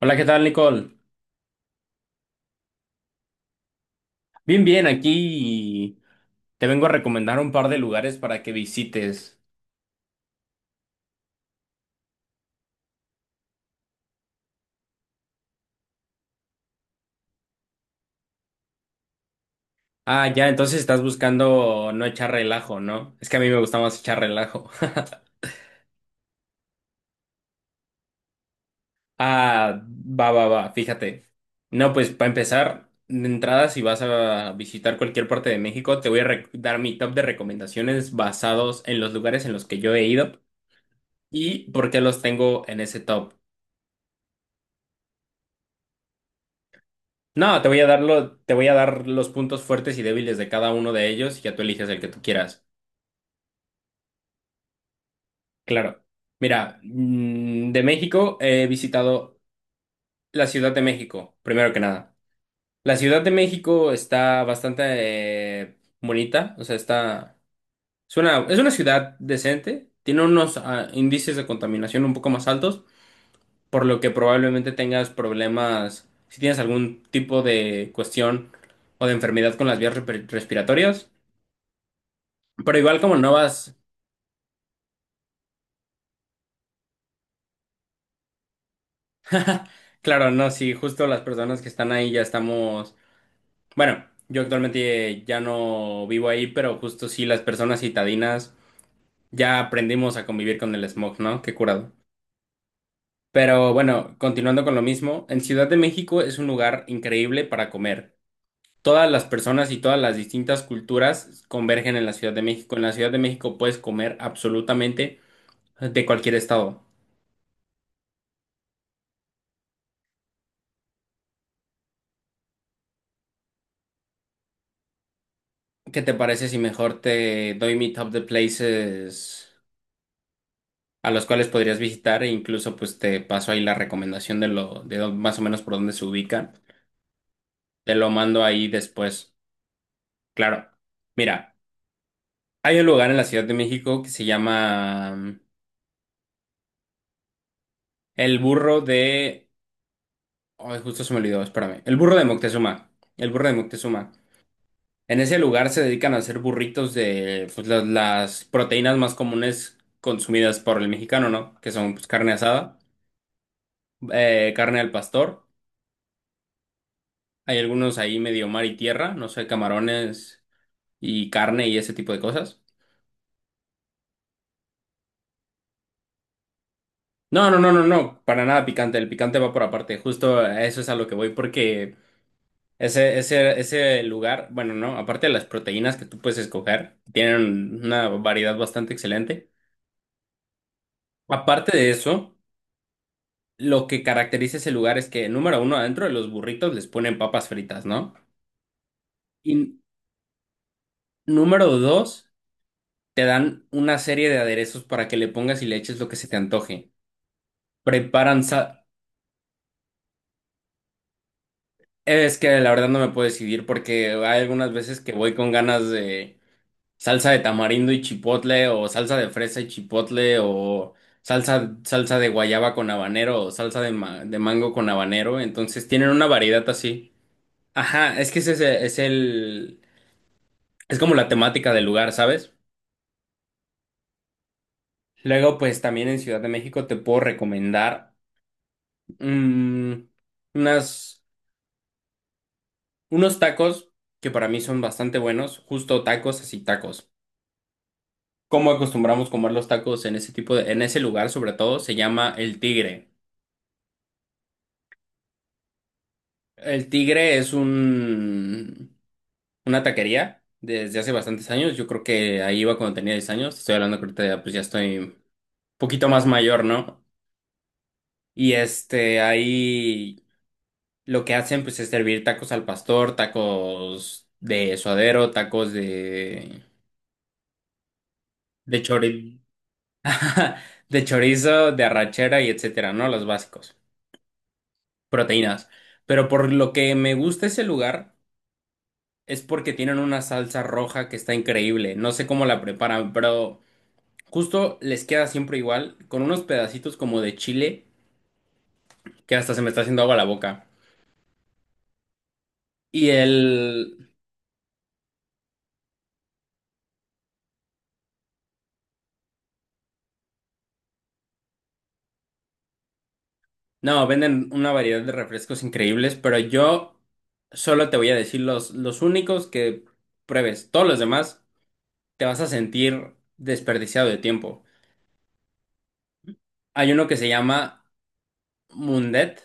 Hola, ¿qué tal, Nicole? Bien, bien, aquí te vengo a recomendar un par de lugares para que visites. Ah, ya, entonces estás buscando no echar relajo, ¿no? Es que a mí me gusta más echar relajo. Ah, va, va, va, fíjate. No, pues para empezar, de entrada, si vas a visitar cualquier parte de México, te voy a re- dar mi top de recomendaciones basados en los lugares en los que yo he ido y por qué los tengo en ese top. No, te voy a dar los puntos fuertes y débiles de cada uno de ellos y ya tú eliges el que tú quieras. Claro. Mira, de México he visitado la Ciudad de México, primero que nada. La Ciudad de México está bastante bonita, o sea, está es una ciudad decente, tiene unos índices de contaminación un poco más altos, por lo que probablemente tengas problemas si tienes algún tipo de cuestión o de enfermedad con las vías respiratorias. Pero igual como no vas, claro, no, sí, justo las personas que están ahí ya estamos, bueno, yo actualmente ya no vivo ahí, pero justo sí las personas citadinas ya aprendimos a convivir con el smog, ¿no? Qué curado. Pero bueno, continuando con lo mismo, en Ciudad de México es un lugar increíble para comer. Todas las personas y todas las distintas culturas convergen en la Ciudad de México. En la Ciudad de México puedes comer absolutamente de cualquier estado. ¿Qué te parece si mejor te doy mi top de places? A los cuales podrías visitar e incluso pues te paso ahí la recomendación de más o menos por dónde se ubica. Te lo mando ahí después. Claro. Mira, hay un lugar en la Ciudad de México que se llama El Burro de Ay, justo se me olvidó, espérame. El Burro de Moctezuma. El Burro de Moctezuma. En ese lugar se dedican a hacer burritos de pues, las proteínas más comunes consumidas por el mexicano, ¿no? Que son pues, carne asada, carne al pastor. Hay algunos ahí medio mar y tierra, no sé, camarones y carne y ese tipo de cosas. No, no, no, no, no, para nada picante, el picante va por aparte, justo a eso es a lo que voy porque ese lugar, bueno, no, aparte de las proteínas que tú puedes escoger, tienen una variedad bastante excelente. Aparte de eso, lo que caracteriza ese lugar es que, número uno, adentro de los burritos les ponen papas fritas, ¿no? Y número dos, te dan una serie de aderezos para que le pongas y le eches lo que se te antoje. Preparan, sa- es que la verdad no me puedo decidir porque hay algunas veces que voy con ganas de salsa de tamarindo y chipotle o salsa de fresa y chipotle o salsa de guayaba con habanero o salsa de mango con habanero. Entonces tienen una variedad así. Ajá, es que es como la temática del lugar, ¿sabes? Luego, pues también en Ciudad de México te puedo recomendar mm, unas, unos tacos que para mí son bastante buenos, justo tacos, así tacos. Cómo acostumbramos comer los tacos en en ese lugar sobre todo, se llama El Tigre. El Tigre es una taquería desde hace bastantes años. Yo creo que ahí iba cuando tenía 10 años. Estoy hablando que ahorita ya, pues ya estoy un poquito más mayor, ¿no? Y este, ahí lo que hacen pues es servir tacos al pastor, tacos de suadero, de chori- de chorizo, de arrachera y etcétera, ¿no? Los básicos. Proteínas. Pero por lo que me gusta ese lugar es porque tienen una salsa roja que está increíble. No sé cómo la preparan, pero justo les queda siempre igual, con unos pedacitos como de chile que hasta se me está haciendo agua la boca. Y el... No, venden una variedad de refrescos increíbles, pero yo solo te voy a decir los únicos que pruebes. Todos los demás te vas a sentir desperdiciado de tiempo. Hay uno que se llama Mundet,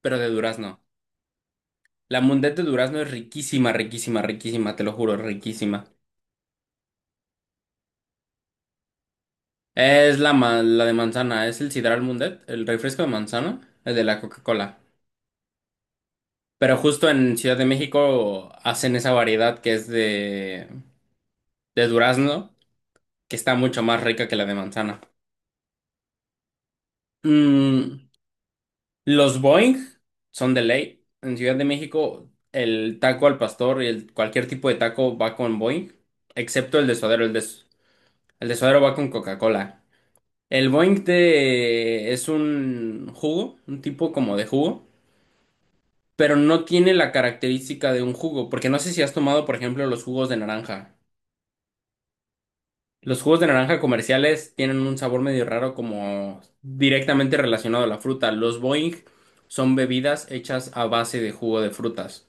pero de durazno. La mundet de durazno es riquísima, riquísima, riquísima, te lo juro, riquísima. Es la de manzana, es el sidral mundet, el refresco de manzana, el de la Coca-Cola. Pero justo en Ciudad de México hacen esa variedad que es de durazno, que está mucho más rica que la de manzana. Mm, los Boing son de ley. En Ciudad de México, el taco al pastor y cualquier tipo de taco va con Boing, excepto el de suadero. El de suadero va con Coca-Cola. El Boing es un jugo, un tipo como de jugo, pero no tiene la característica de un jugo, porque no sé si has tomado, por ejemplo, los jugos de naranja. Los jugos de naranja comerciales tienen un sabor medio raro como directamente relacionado a la fruta. Los Boing son bebidas hechas a base de jugo de frutas.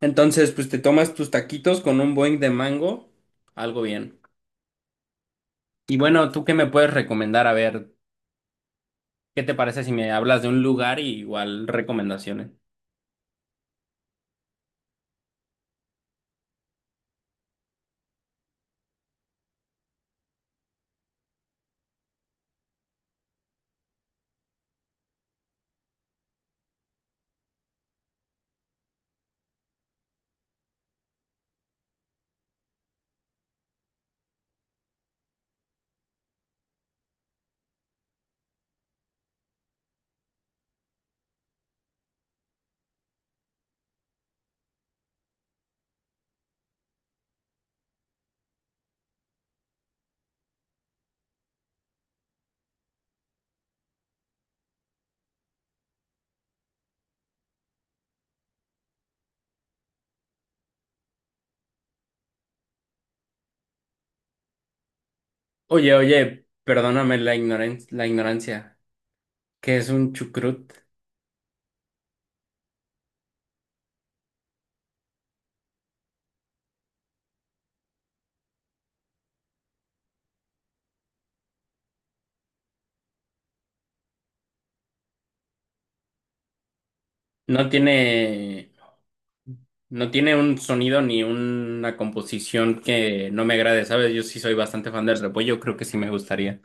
Entonces, pues te tomas tus taquitos con un Boing de mango, algo bien. Y bueno, ¿tú qué me puedes recomendar? A ver, ¿qué te parece si me hablas de un lugar y igual recomendaciones? Oye, oye, perdóname la ignorancia. ¿Qué es un chucrut? No tiene, no tiene un sonido ni una composición que no me agrade, ¿sabes? Yo sí soy bastante fan del repollo, creo que sí me gustaría.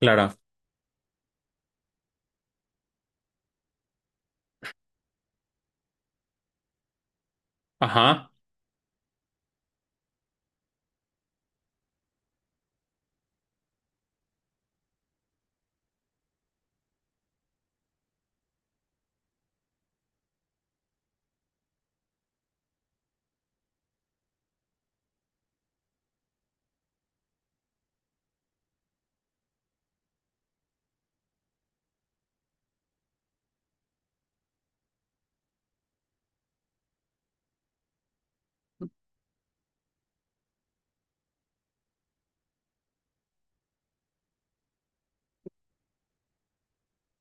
Claro. Ajá.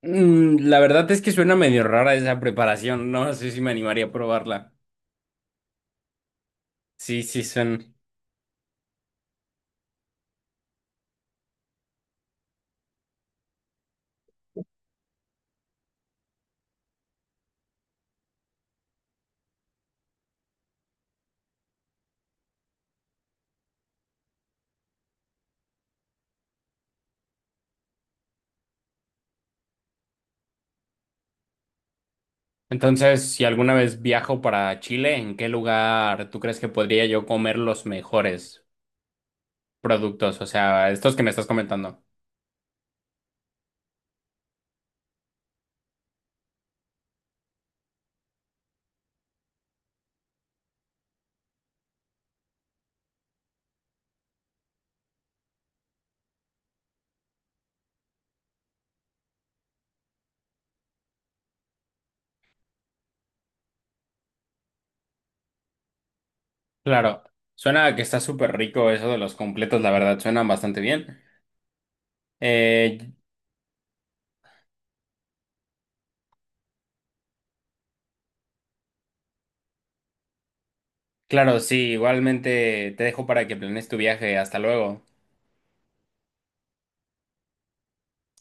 Mm, la verdad es que suena medio rara esa preparación, no, no sé si me animaría a probarla. Sí, sí, son. Entonces, si alguna vez viajo para Chile, ¿en qué lugar tú crees que podría yo comer los mejores productos? O sea, estos que me estás comentando. Claro, suena a que está súper rico eso de los completos, la verdad, suenan bastante bien. Eh, claro, sí, igualmente te dejo para que planees tu viaje. Hasta luego.